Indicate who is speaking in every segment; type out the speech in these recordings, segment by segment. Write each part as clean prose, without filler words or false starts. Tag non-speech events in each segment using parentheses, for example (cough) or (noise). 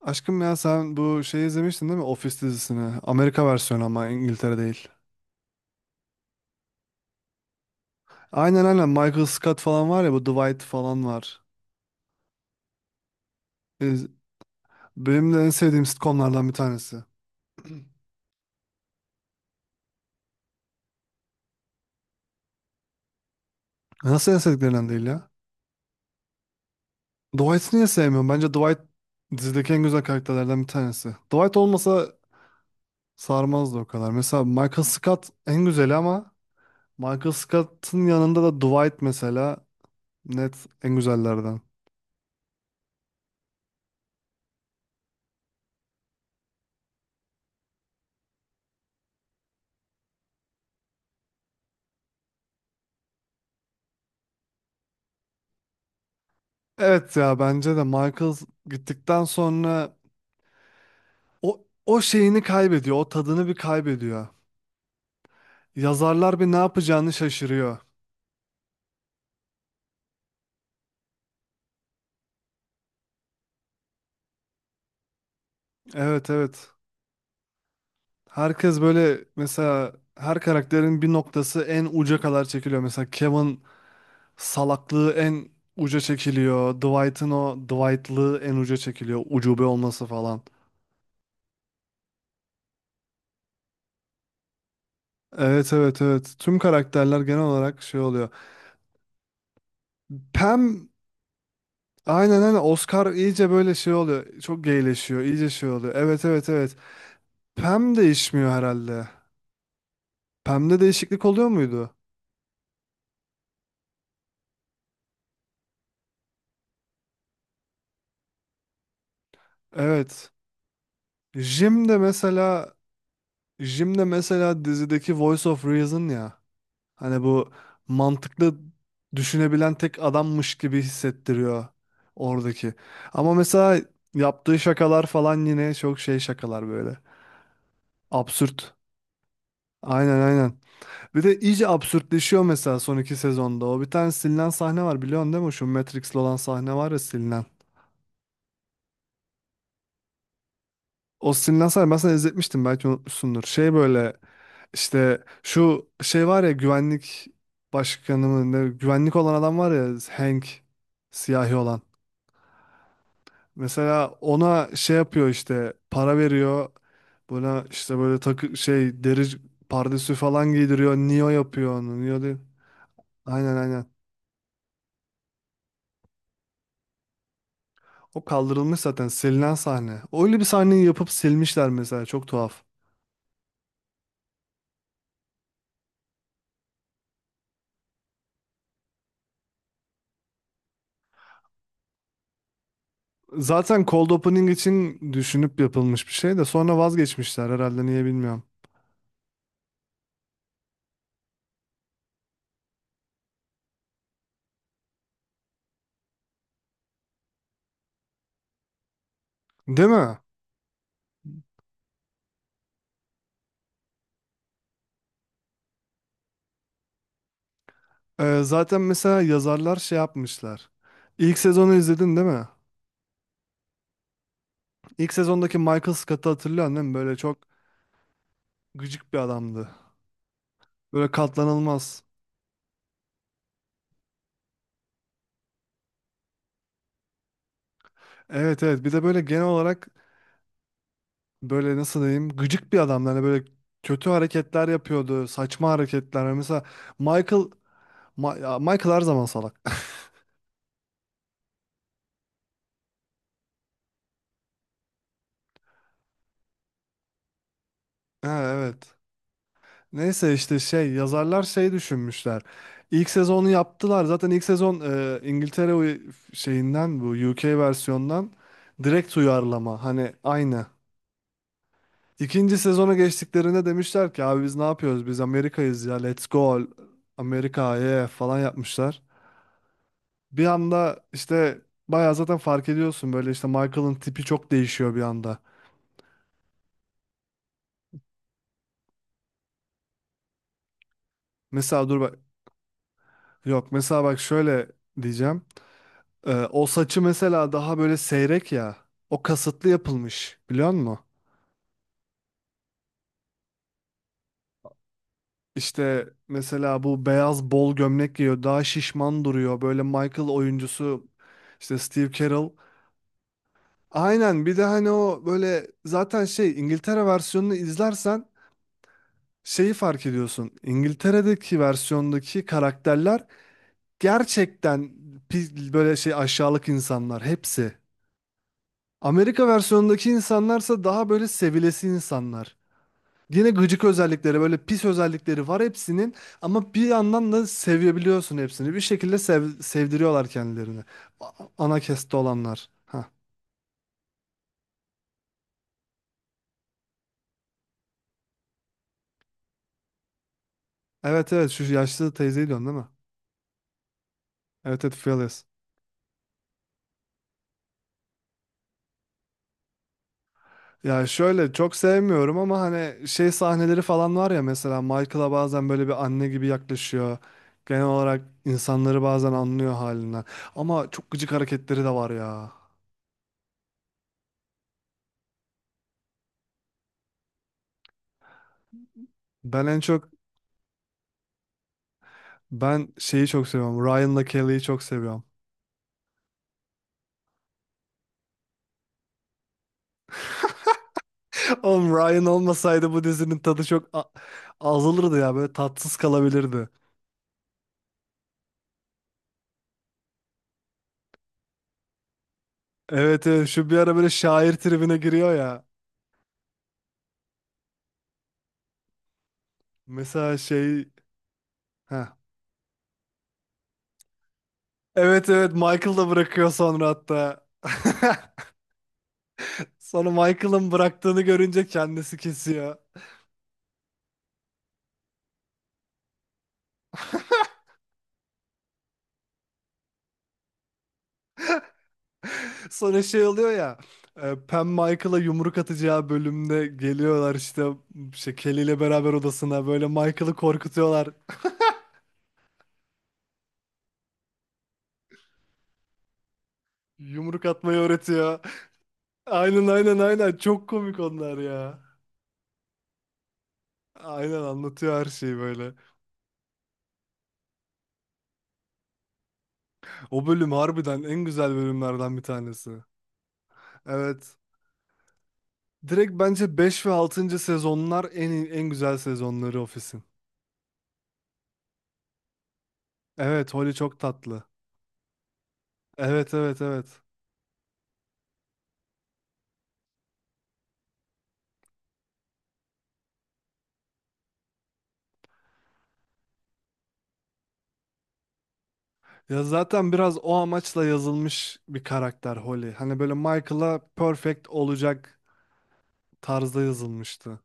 Speaker 1: Aşkım ya sen bu şeyi izlemiştin değil mi? Office dizisini. Amerika versiyonu ama İngiltere değil. Aynen Michael Scott falan var ya bu Dwight falan var. İz- Benim de en sevdiğim sitcomlardan bir tanesi. Nasıl en sevdiklerinden değil ya? Dwight'ı niye sevmiyorum? Bence Dwight dizideki en güzel karakterlerden bir tanesi. Dwight olmasa sarmazdı o kadar. Mesela Michael Scott en güzeli ama Michael Scott'ın yanında da Dwight mesela net en güzellerden. Evet ya bence de Michael gittikten sonra O şeyini kaybediyor. O tadını bir kaybediyor. Yazarlar bir ne yapacağını şaşırıyor. Evet. Herkes böyle mesela her karakterin bir noktası en uca kadar çekiliyor. Mesela Kevin salaklığı en uca çekiliyor. Dwight'ın o Dwight'lığı en uca çekiliyor. Ucube olması falan. Evet evet evet. Tüm karakterler genel olarak şey oluyor. Pam aynen aynen Oscar iyice böyle şey oluyor. Çok geyleşiyor. İyice şey oluyor. Evet evet evet. Pam değişmiyor herhalde. Pem'de değişiklik oluyor muydu? Evet. Jim'de mesela Jim'de mesela dizideki Voice of Reason ya. Hani bu mantıklı düşünebilen tek adammış gibi hissettiriyor oradaki. Ama mesela yaptığı şakalar falan yine çok şey şakalar böyle. Absürt. Aynen aynen. Bir de iyice absürtleşiyor mesela son iki sezonda. O bir tane silinen sahne var biliyorsun değil mi? Şu Matrix'li olan sahne var ya silinen. Austin Lancer ben sana izletmiştim belki unutmuşsundur. Şey böyle işte şu şey var ya güvenlik başkanı mı ne, güvenlik olan adam var ya Hank siyahi olan. Mesela ona şey yapıyor işte para veriyor. Buna işte böyle takı şey deri pardesü falan giydiriyor. Neo yapıyor onu. Neo değil. Aynen aynen. O kaldırılmış zaten silinen sahne. Öyle bir sahneyi yapıp silmişler mesela çok tuhaf. Zaten cold opening için düşünüp yapılmış bir şey de sonra vazgeçmişler herhalde niye bilmiyorum. Değil mi? Zaten mesela yazarlar şey yapmışlar. İlk sezonu izledin değil mi? İlk sezondaki Michael Scott'ı hatırlıyorsun değil mi? Böyle çok gıcık bir adamdı. Böyle katlanılmaz. Evet evet bir de böyle genel olarak böyle nasıl diyeyim gıcık bir adamdı. Hani böyle kötü hareketler yapıyordu. Saçma hareketler. Mesela Michael Michael her zaman salak. (laughs) Ha, evet. Neyse işte şey yazarlar şey düşünmüşler. İlk sezonu yaptılar. Zaten ilk sezon İngiltere şeyinden bu UK versiyondan direkt uyarlama. Hani aynı. İkinci sezona geçtiklerinde demişler ki abi biz ne yapıyoruz? Biz Amerika'yız ya. Let's go Amerika yeah falan yapmışlar. Bir anda işte bayağı zaten fark ediyorsun böyle işte Michael'ın tipi çok değişiyor bir anda. Mesela dur bak yok mesela bak şöyle diyeceğim. O saçı mesela daha böyle seyrek ya. O kasıtlı yapılmış biliyor musun? İşte mesela bu beyaz bol gömlek giyiyor. Daha şişman duruyor. Böyle Michael oyuncusu işte Steve Carell. Aynen bir de hani o böyle zaten şey İngiltere versiyonunu izlersen şeyi fark ediyorsun. İngiltere'deki versiyondaki karakterler gerçekten böyle şey aşağılık insanlar hepsi. Amerika versiyonundaki insanlarsa daha böyle sevilesi insanlar. Yine gıcık özellikleri böyle pis özellikleri var hepsinin ama bir yandan da sevebiliyorsun hepsini. Bir şekilde sevdiriyorlar kendilerini. A- Ana keste olanlar. Ha. Evet evet şu yaşlı teyzeyi diyorsun değil mi? Evet evet Phyllis. Ya şöyle çok sevmiyorum ama hani şey sahneleri falan var ya mesela Michael'a bazen böyle bir anne gibi yaklaşıyor. Genel olarak insanları bazen anlıyor halinden. Ama çok gıcık hareketleri de var ya. Ben en çok Ben şeyi çok seviyorum. Ryan'la Kelly'yi çok seviyorum. Oğlum Ryan olmasaydı bu dizinin tadı azalırdı ya. Böyle tatsız kalabilirdi. Evet evet şu bir ara böyle şair tribine giriyor ya. Mesela şey... Heh. Evet evet Michael da bırakıyor sonra hatta. (laughs) Sonra Michael'ın bıraktığını görünce kendisi kesiyor. Sonra şey oluyor ya. Pam Michael'a yumruk atacağı bölümde geliyorlar işte şey, Kelly ile beraber odasına böyle Michael'ı korkutuyorlar. Yumruk atmayı öğretiyor. Aynen çok komik onlar ya. Aynen anlatıyor her şeyi böyle. O bölüm harbiden en güzel bölümlerden bir tanesi. Evet. Direkt bence 5 ve altıncı sezonlar en güzel sezonları Office'in. Evet, Holly çok tatlı. Evet evet evet. Ya zaten biraz o amaçla yazılmış bir karakter Holly. Hani böyle Michael'a perfect olacak tarzda yazılmıştı.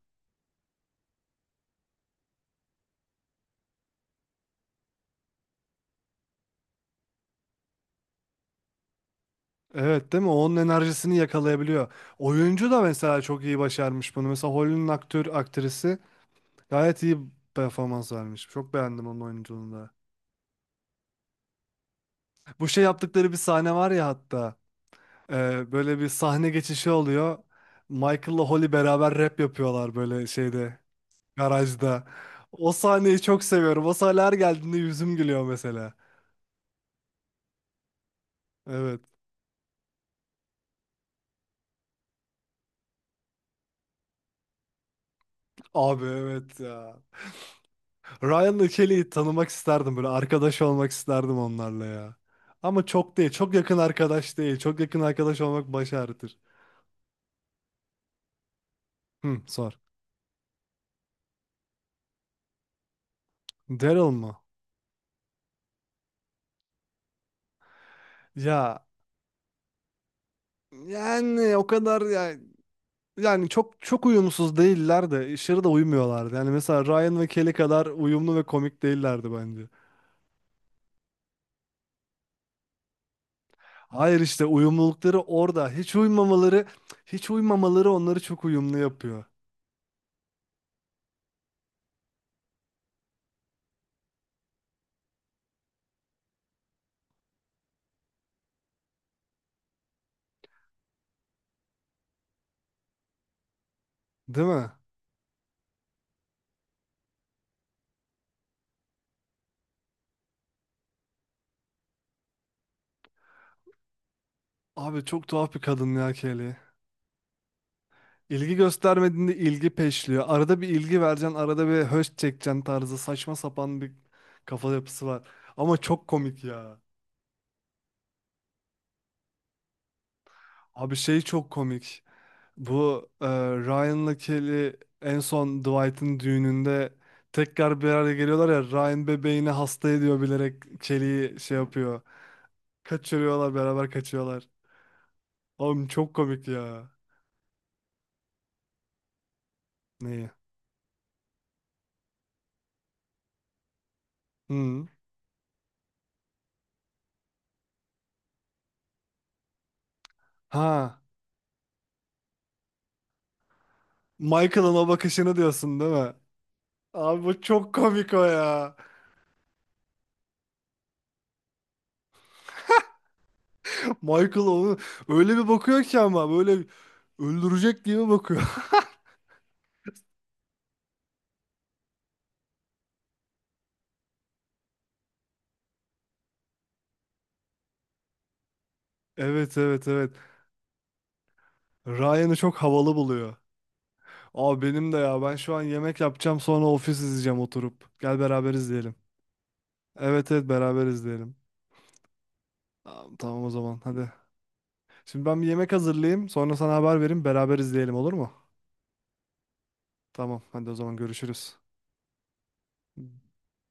Speaker 1: Evet değil mi? Onun enerjisini yakalayabiliyor. Oyuncu da mesela çok iyi başarmış bunu. Mesela Holly'nin aktör, aktrisi gayet iyi performans vermiş. Çok beğendim onun oyunculuğunu da. Bu şey yaptıkları bir sahne var ya hatta. Böyle bir sahne geçişi oluyor. Michael'la Holly beraber rap yapıyorlar böyle şeyde, garajda. O sahneyi çok seviyorum. O sahne her geldiğinde yüzüm gülüyor mesela. Evet. Abi evet ya. Ryan'la Kelly'yi tanımak isterdim böyle arkadaş olmak isterdim onlarla ya. Ama çok değil. Çok yakın arkadaş değil. Çok yakın arkadaş olmak baş ağrıtır. Hı, sor. Daryl mı? Ya yani o kadar yani, yani çok çok uyumsuz değiller de aşırı da uymuyorlardı. Yani mesela Ryan ve Kelly kadar uyumlu ve komik değillerdi bence. Hayır işte uyumlulukları orada. Hiç uymamaları onları çok uyumlu yapıyor. Değil mi? Abi çok tuhaf bir kadın ya Kelly. İlgi göstermediğinde ilgi peşliyor. Arada bir ilgi vereceksin, arada bir höş çekeceksin tarzı saçma sapan bir kafa yapısı var. Ama çok komik ya. Abi şey çok komik. Bu e, Ryan'la Kelly en son Dwight'ın düğününde tekrar bir araya geliyorlar ya Ryan bebeğini hasta ediyor bilerek Kelly'yi şey yapıyor. Kaçırıyorlar beraber kaçıyorlar. Oğlum çok komik ya. Neyi? Hı. Ha. Michael'ın o bakışını diyorsun değil mi? Abi bu çok komik o ya. (laughs) Michael onu öyle bir bakıyor ki ama böyle öldürecek diye mi bakıyor. (laughs) Evet evet evet. Ryan'ı çok havalı buluyor. Abi benim de ya ben şu an yemek yapacağım sonra ofis izleyeceğim oturup. Gel beraber izleyelim. Evet evet beraber izleyelim. Tamam o zaman hadi. Şimdi ben bir yemek hazırlayayım sonra sana haber vereyim beraber izleyelim olur mu? Tamam hadi o zaman görüşürüz.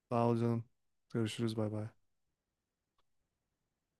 Speaker 1: Sağ ol canım. Görüşürüz bay bay.